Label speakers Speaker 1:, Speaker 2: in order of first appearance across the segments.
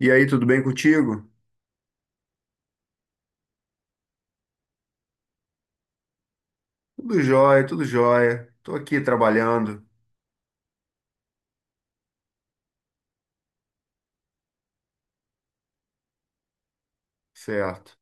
Speaker 1: E aí, tudo bem contigo? Tudo jóia, tudo jóia. Tô aqui trabalhando. Certo,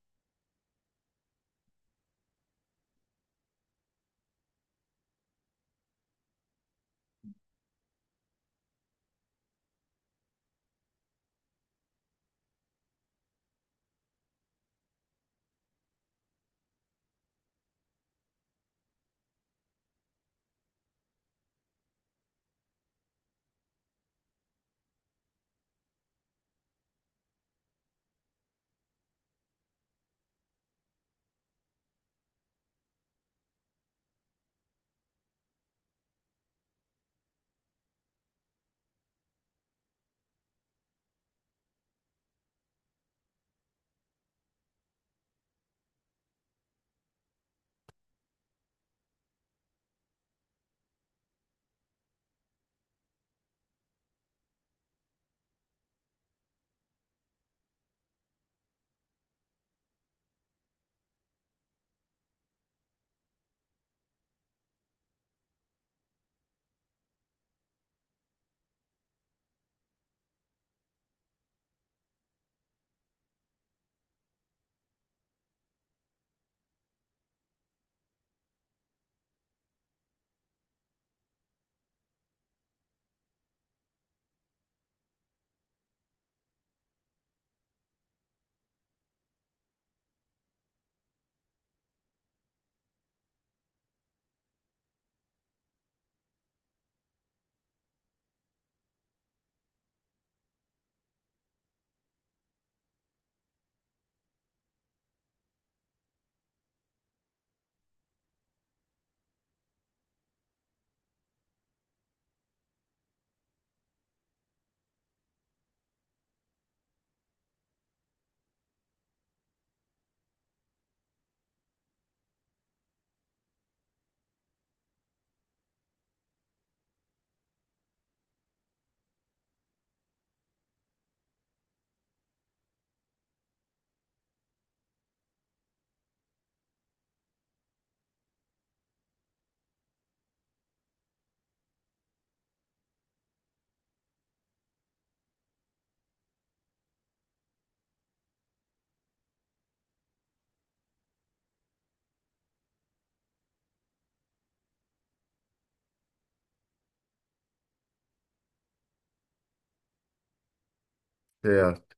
Speaker 1: certo.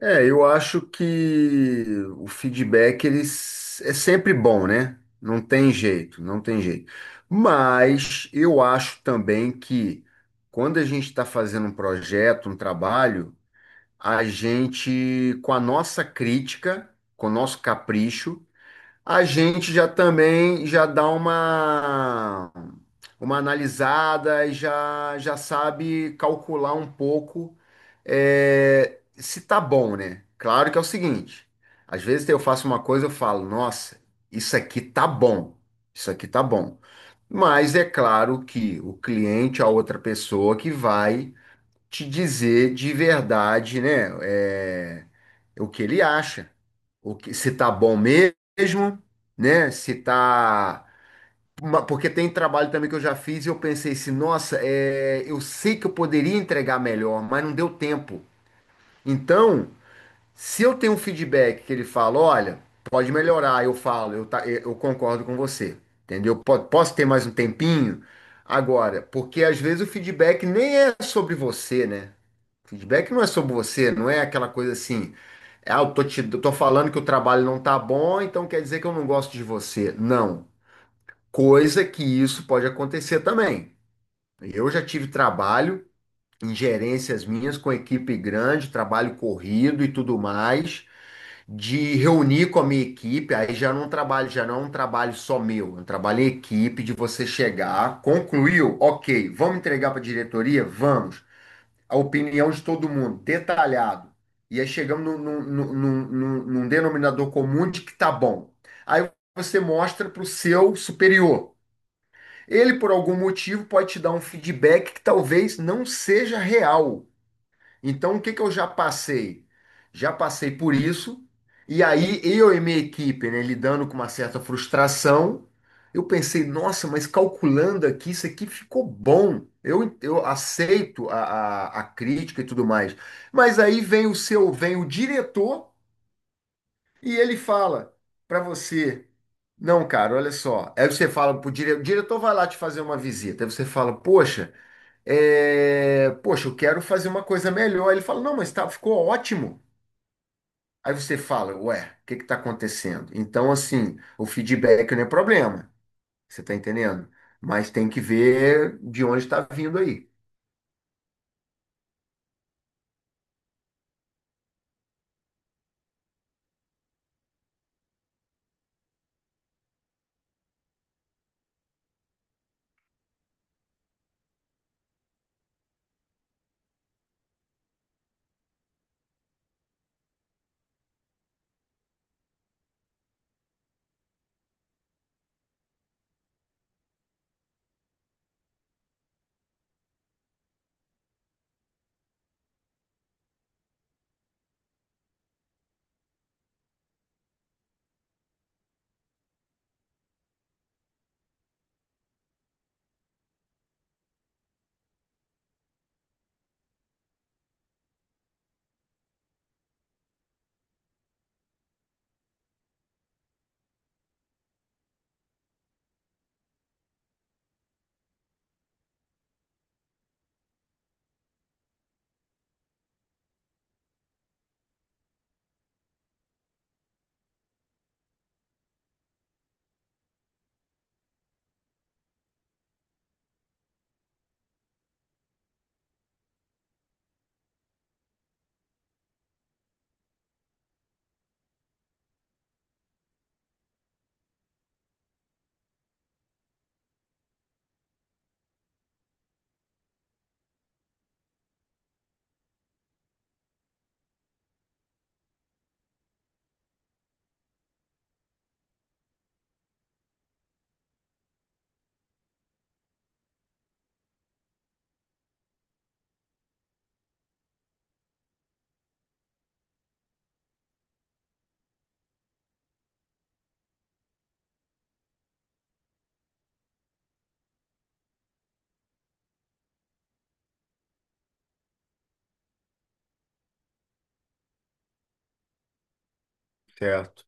Speaker 1: Eu acho que o feedback é sempre bom, né? Não tem jeito, não tem jeito. Mas eu acho também que quando a gente está fazendo um projeto, um trabalho, a gente, com a nossa crítica, com o nosso capricho, a gente já também já dá uma analisada e já sabe calcular um pouco se tá bom, né? Claro que é o seguinte, às vezes eu faço uma coisa eu falo, nossa, isso aqui tá bom, isso aqui tá bom. Mas é claro que o cliente, a outra pessoa que vai te dizer de verdade, né? O que ele acha, o que, se tá bom mesmo, né? Se tá. Porque tem trabalho também que eu já fiz e eu pensei assim, nossa, eu sei que eu poderia entregar melhor, mas não deu tempo. Então, se eu tenho um feedback que ele fala, olha, pode melhorar, eu falo, eu, tá, eu concordo com você, entendeu? Posso ter mais um tempinho? Agora, porque às vezes o feedback nem é sobre você, né? Feedback não é sobre você, não é aquela coisa assim, ah, eu tô falando que o trabalho não tá bom, então quer dizer que eu não gosto de você. Não. Coisa que isso pode acontecer também. Eu já tive trabalho em gerências minhas com equipe grande, trabalho corrido e tudo mais, de reunir com a minha equipe, aí já não trabalho, já não é um trabalho só meu, é um trabalho em equipe de você chegar, concluiu, ok, vamos entregar para a diretoria? Vamos a opinião de todo mundo, detalhado. E aí chegamos num denominador comum de que tá bom. Aí você mostra para o seu superior. Ele, por algum motivo, pode te dar um feedback que talvez não seja real. Então, o que que eu já passei? Já passei por isso, e aí eu e minha equipe, né, lidando com uma certa frustração, eu pensei, nossa, mas calculando aqui, isso aqui ficou bom. Eu aceito a crítica e tudo mais. Mas aí vem o diretor. E ele fala para você, não, cara, olha só. Aí você fala pro diretor, o diretor vai lá te fazer uma visita. Aí você fala, poxa, poxa, eu quero fazer uma coisa melhor. Ele fala, não, mas tá, ficou ótimo. Aí você fala, ué, o que que tá acontecendo? Então, assim, o feedback não é problema, você tá entendendo? Mas tem que ver de onde está vindo aí. Certo.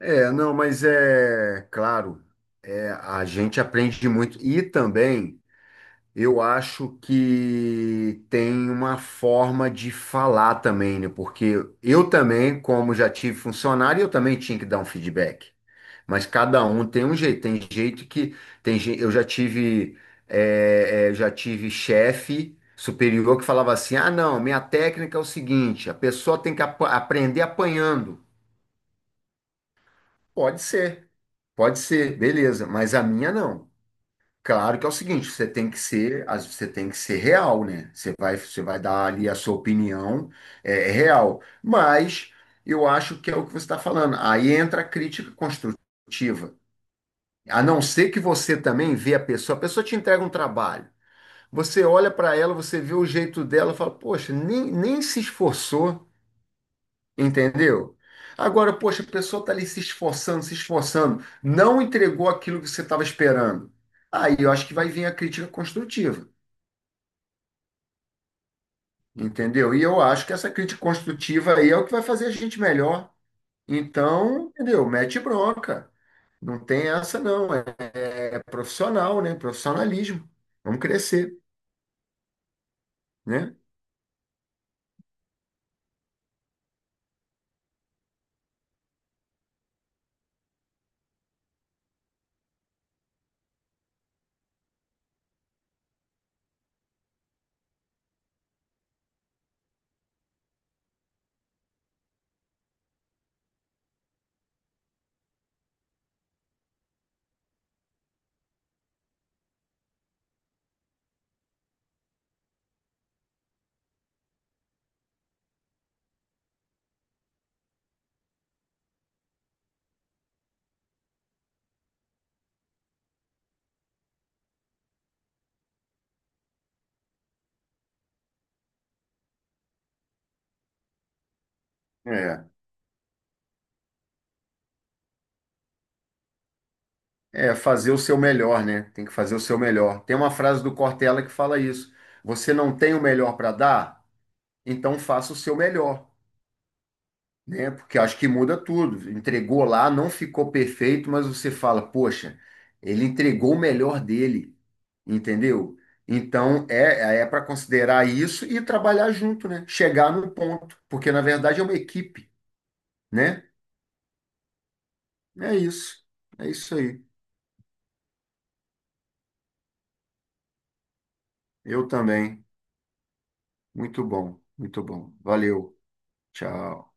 Speaker 1: Não, mas é claro, a gente aprende muito. E também. Eu acho que tem uma forma de falar também, né? Porque eu também, como já tive funcionário, eu também tinha que dar um feedback. Mas cada um tem um jeito. Tem jeito que tem gente. Eu já tive já tive chefe superior que falava assim: Ah, não, minha técnica é o seguinte: a pessoa tem que aprender apanhando. Pode ser, pode ser, beleza. Mas a minha não. Claro que é o seguinte, você tem que ser real, né? Você vai dar ali a sua opinião, é real. Mas eu acho que é o que você está falando. Aí entra a crítica construtiva. A não ser que você também vê a pessoa te entrega um trabalho. Você olha para ela, você vê o jeito dela, fala, poxa, nem se esforçou. Entendeu? Agora, poxa, a pessoa está ali se esforçando, se esforçando, não entregou aquilo que você estava esperando. Aí eu acho que vai vir a crítica construtiva, entendeu? E eu acho que essa crítica construtiva aí é o que vai fazer a gente melhor. Então, entendeu? Mete bronca. Não tem essa, não. É profissional, né? Profissionalismo. Vamos crescer, né? É, É fazer o seu melhor, né? Tem que fazer o seu melhor. Tem uma frase do Cortella que fala isso. Você não tem o melhor para dar? Então faça o seu melhor, né? Porque acho que muda tudo. Entregou lá, não ficou perfeito, mas você fala, poxa, ele entregou o melhor dele, entendeu? Então é para considerar isso e trabalhar junto, né? Chegar no ponto, porque na verdade é uma equipe, né? É isso. É isso aí. Eu também. Muito bom, muito bom. Valeu. Tchau.